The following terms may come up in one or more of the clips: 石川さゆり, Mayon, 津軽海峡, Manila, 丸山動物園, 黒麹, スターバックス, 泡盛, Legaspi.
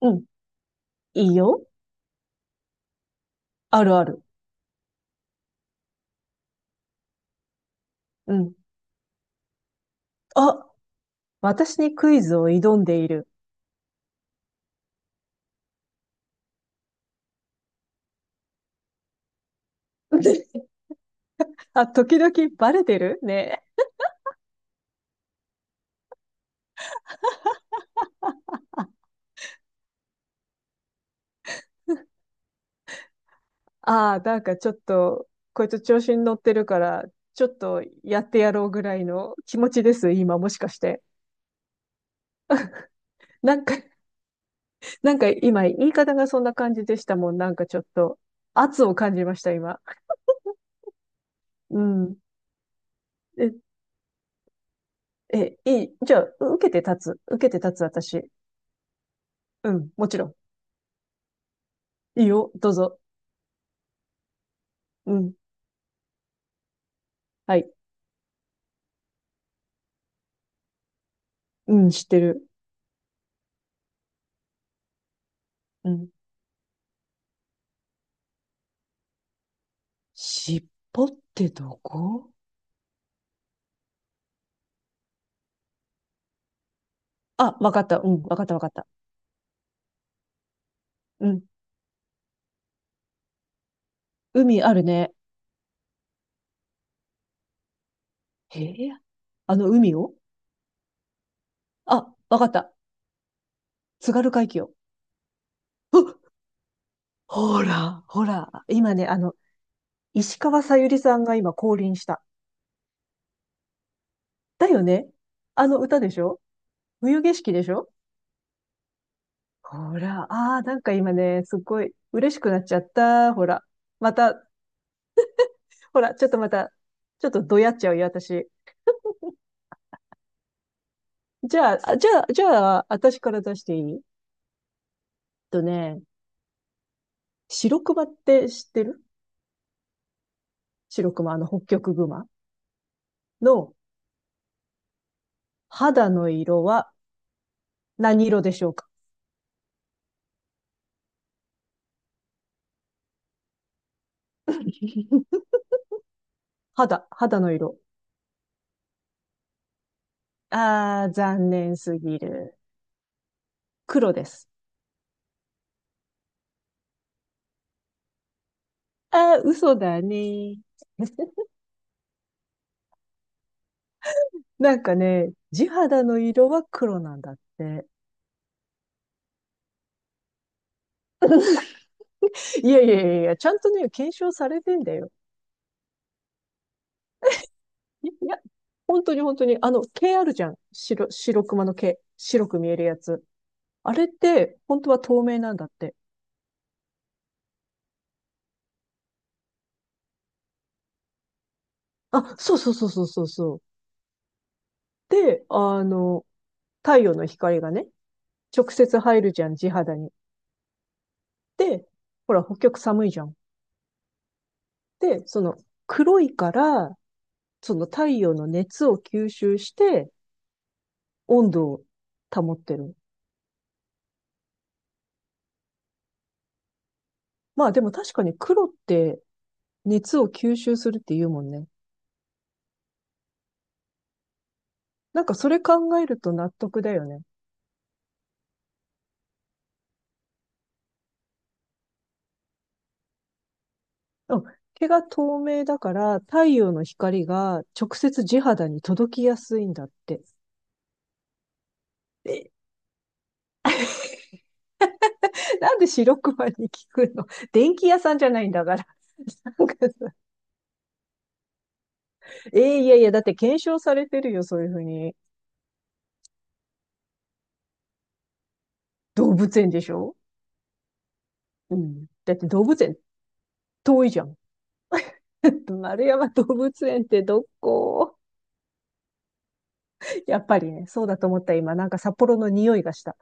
うん。いいよ。あるある。うん。あ、私にクイズを挑んでいる。あ、時々バレてるね。ああ、なんかちょっと、こいつ調子に乗ってるから、ちょっとやってやろうぐらいの気持ちです、今もしかして。なんか、なんか今言い方がそんな感じでしたもん。なんかちょっと圧を感じました、今。うん。え、いい。じゃあ、受けて立つ。受けて立つ、私。うん、もちろん。いいよ、どうぞ。うん。はい。うん、知ってる。うん。尻尾ってどこ？あ、わかった。うん、わかったわかった。うん。海あるね。へえ。あの海を？あ、わかった。津軽海峡。うほら、ほら。今ね、あの、石川さゆりさんが今降臨した。だよね。あの歌でしょ？冬景色でしょ？ほら、ああ、なんか今ね、すっごい嬉しくなっちゃった。ほら。また、ほら、ちょっとまた、ちょっとどやっちゃうよ、私。じゃあ、あじゃあ、じゃあ、私から出していい？とね、白熊って知ってる？白熊、あの北極熊の肌の色は何色でしょうか？ 肌、肌の色。あー、残念すぎる。黒です。あー、嘘だね。なんかね、地肌の色は黒なんだって。いやいやいやいや、ちゃんとね、検証されてんだよ。いいや、本当に本当に、あの、毛あるじゃん。白熊の毛。白く見えるやつ。あれって、本当は透明なんだって。あ、そうそうそうそうそうそう。で、あの、太陽の光がね、直接入るじゃん、地肌に。で、ほら、北極寒いじゃん。で、その、黒いから、その太陽の熱を吸収して、温度を保ってる。まあでも確かに黒って熱を吸収するって言うもんね。なんかそれ考えると納得だよね。うん。毛が透明だから太陽の光が直接地肌に届きやすいんだって。え、なんで白熊に聞くの？ 電気屋さんじゃないんだから。なんかさ、いやいや、だって検証されてるよ、そういうふうに。動物園でしょ？うん。だって動物園遠いじゃん。丸山動物園ってどこ？やっぱりね、そうだと思った今、なんか札幌の匂いがした。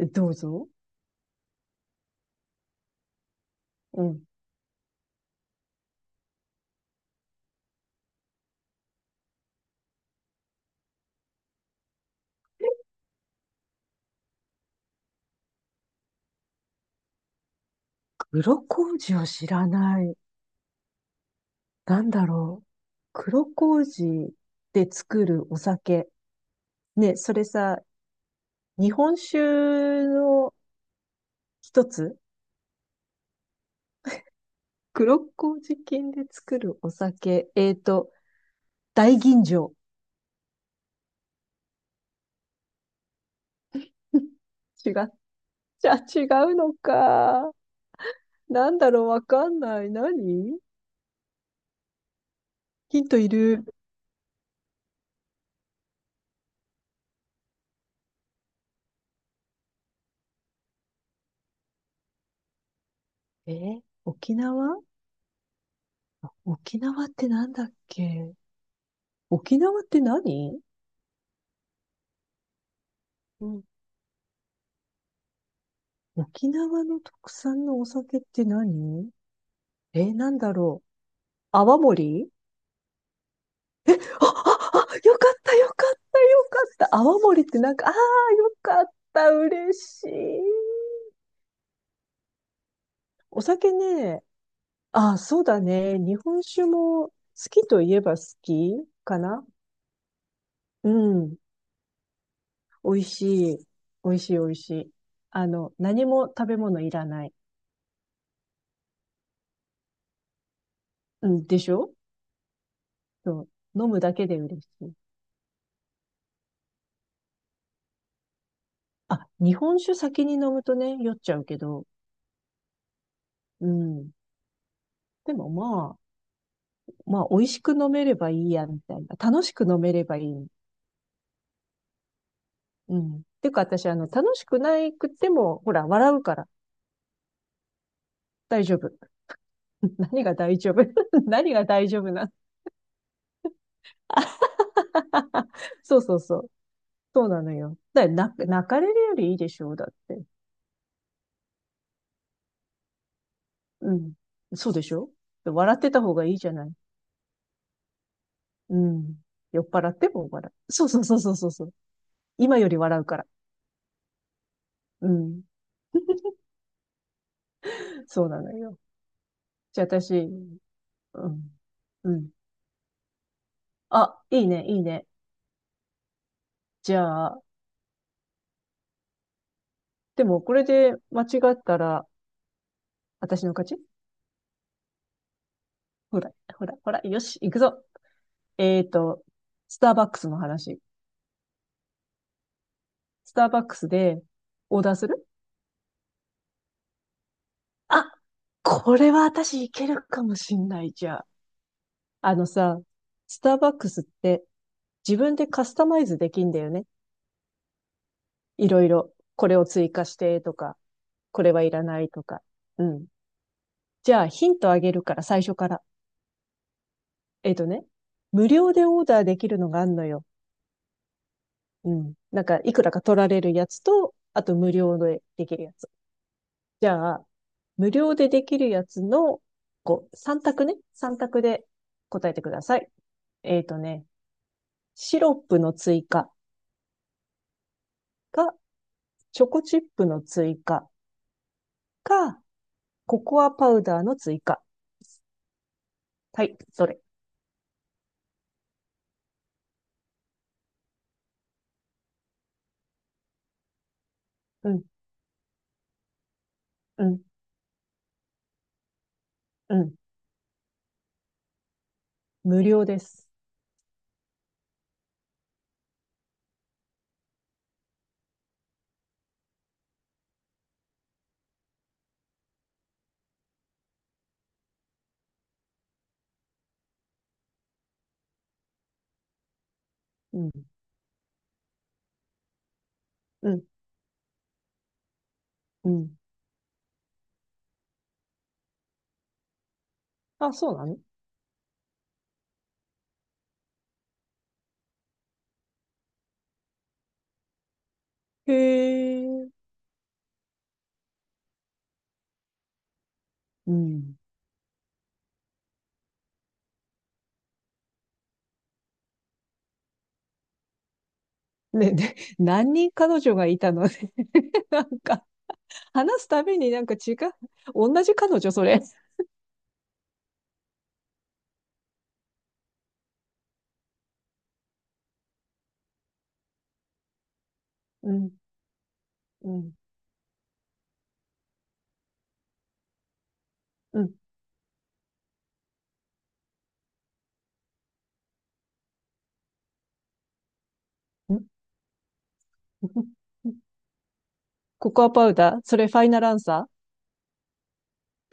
どうぞ。うん。黒麹を知らない。なんだろう。黒麹で作るお酒。ね、それさ、日本酒の一つ？黒麹菌で作るお酒。大吟醸。違っちゃ違うのか。なんだろう、わかんない。何？ヒントいる。沖縄？沖縄ってなんだっけ？沖縄って何？うん。沖縄の特産のお酒って何？なんだろう。泡盛？あ、あ、あ、よかった、よかった、よかった。泡盛ってなんか、ああ、よかった、嬉しい。お酒ね、あ、そうだね。日本酒も好きといえば好きかな。うん。美味しい。美味しい美味しい。あの、何も食べ物いらない。うん、でしょ？そう。飲むだけで嬉しい。あ、日本酒先に飲むとね、酔っちゃうけど。うん。でもまあ、まあ、美味しく飲めればいいや、みたいな。楽しく飲めればいい。うん。てか私、あの、楽しくないくても、ほら、笑うから大丈夫。何が大丈夫？ 何が大丈夫な？ そうそうそう。そうなのよ。だから泣く泣かれるよりいいでしょう、だって。うん。そうでしょ？笑ってた方がいいじゃない。うん。酔っ払っても笑う。そうそうそうそうそうそう。今より笑うから。うん。そうなのよ。じゃあ私、うん。うん。あ、いいね、いいね。じゃあ、でもこれで間違ったら、私の勝ち。ほら、ほら、ほら、よし、行くぞ。えーと、スターバックスの話。スターバックスでオーダーする？あ、これは私いけるかもしんないじゃあ。あのさ、スターバックスって自分でカスタマイズできんだよね。いろいろ。これを追加してとか、これはいらないとか。うん。じゃあヒントあげるから最初から。えっとね、無料でオーダーできるのがあんのよ。うん。なんかいくらか取られるやつと、あと無料でできるやつ。じゃあ、無料でできるやつの、こう、3択ね。3択で答えてください。えっとね、シロップの追加か、チョコチップの追加か、ココアパウダーの追加。はい、どれ？うん、うん、うん。無料です。うん、うん、うん。あ、そうなの？へえ。うん。ね、で何人彼女がいたのね。なんか、話すたびになんか違う。同じ彼女、それ。うん、うん。うん。んんココアパウダーそれファイナルアンサー？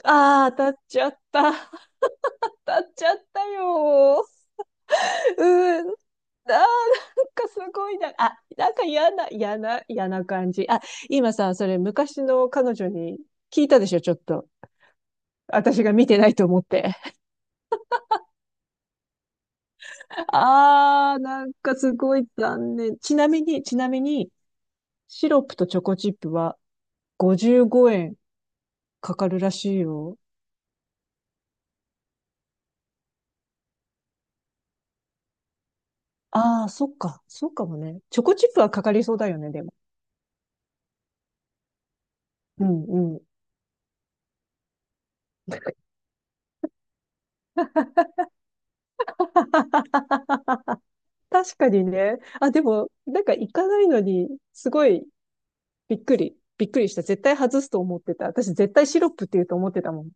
ああー、当たっちゃった。当たっちゃったよー。うーん。あー、なんかすごいな。あ、なんか嫌な、嫌な、嫌な感じ。あ、今さ、それ昔の彼女に聞いたでしょ、ちょっと。私が見てないと思って。あー、なんかすごい残念。ちなみに、ちなみに、シロップとチョコチップは55円かかるらしいよ。ああ、そっか。そうかもね。チョコチップはかかりそうだよね、でも。うん、うん。確かにね。あ、でも、なんか行かないのに、すごいびっくり。びっくりした。絶対外すと思ってた。私絶対シロップって言うと思ってたもん。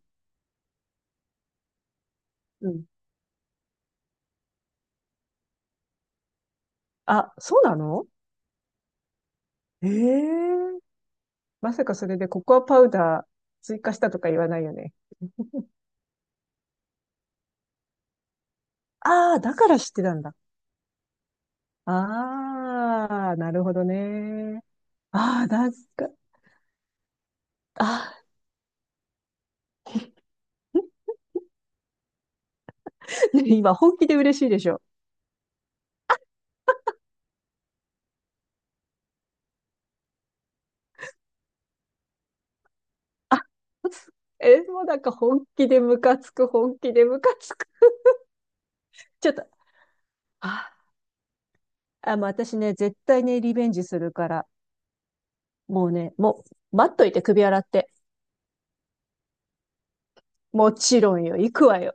うん。あ、そうなの？ええ。まさかそれでココアパウダー追加したとか言わないよね。ああ、だから知ってたんだ。ああ、なるほどね。ああ、なんか、ああ、ね今、本気で嬉しいでしょ？あ、え、もうなんか本気でムカつく、本気でムカつく。ちょっと、あ、もう私ね、絶対ね、リベンジするから、もうね、もう、待っといて、首洗って。もちろんよ、行くわよ。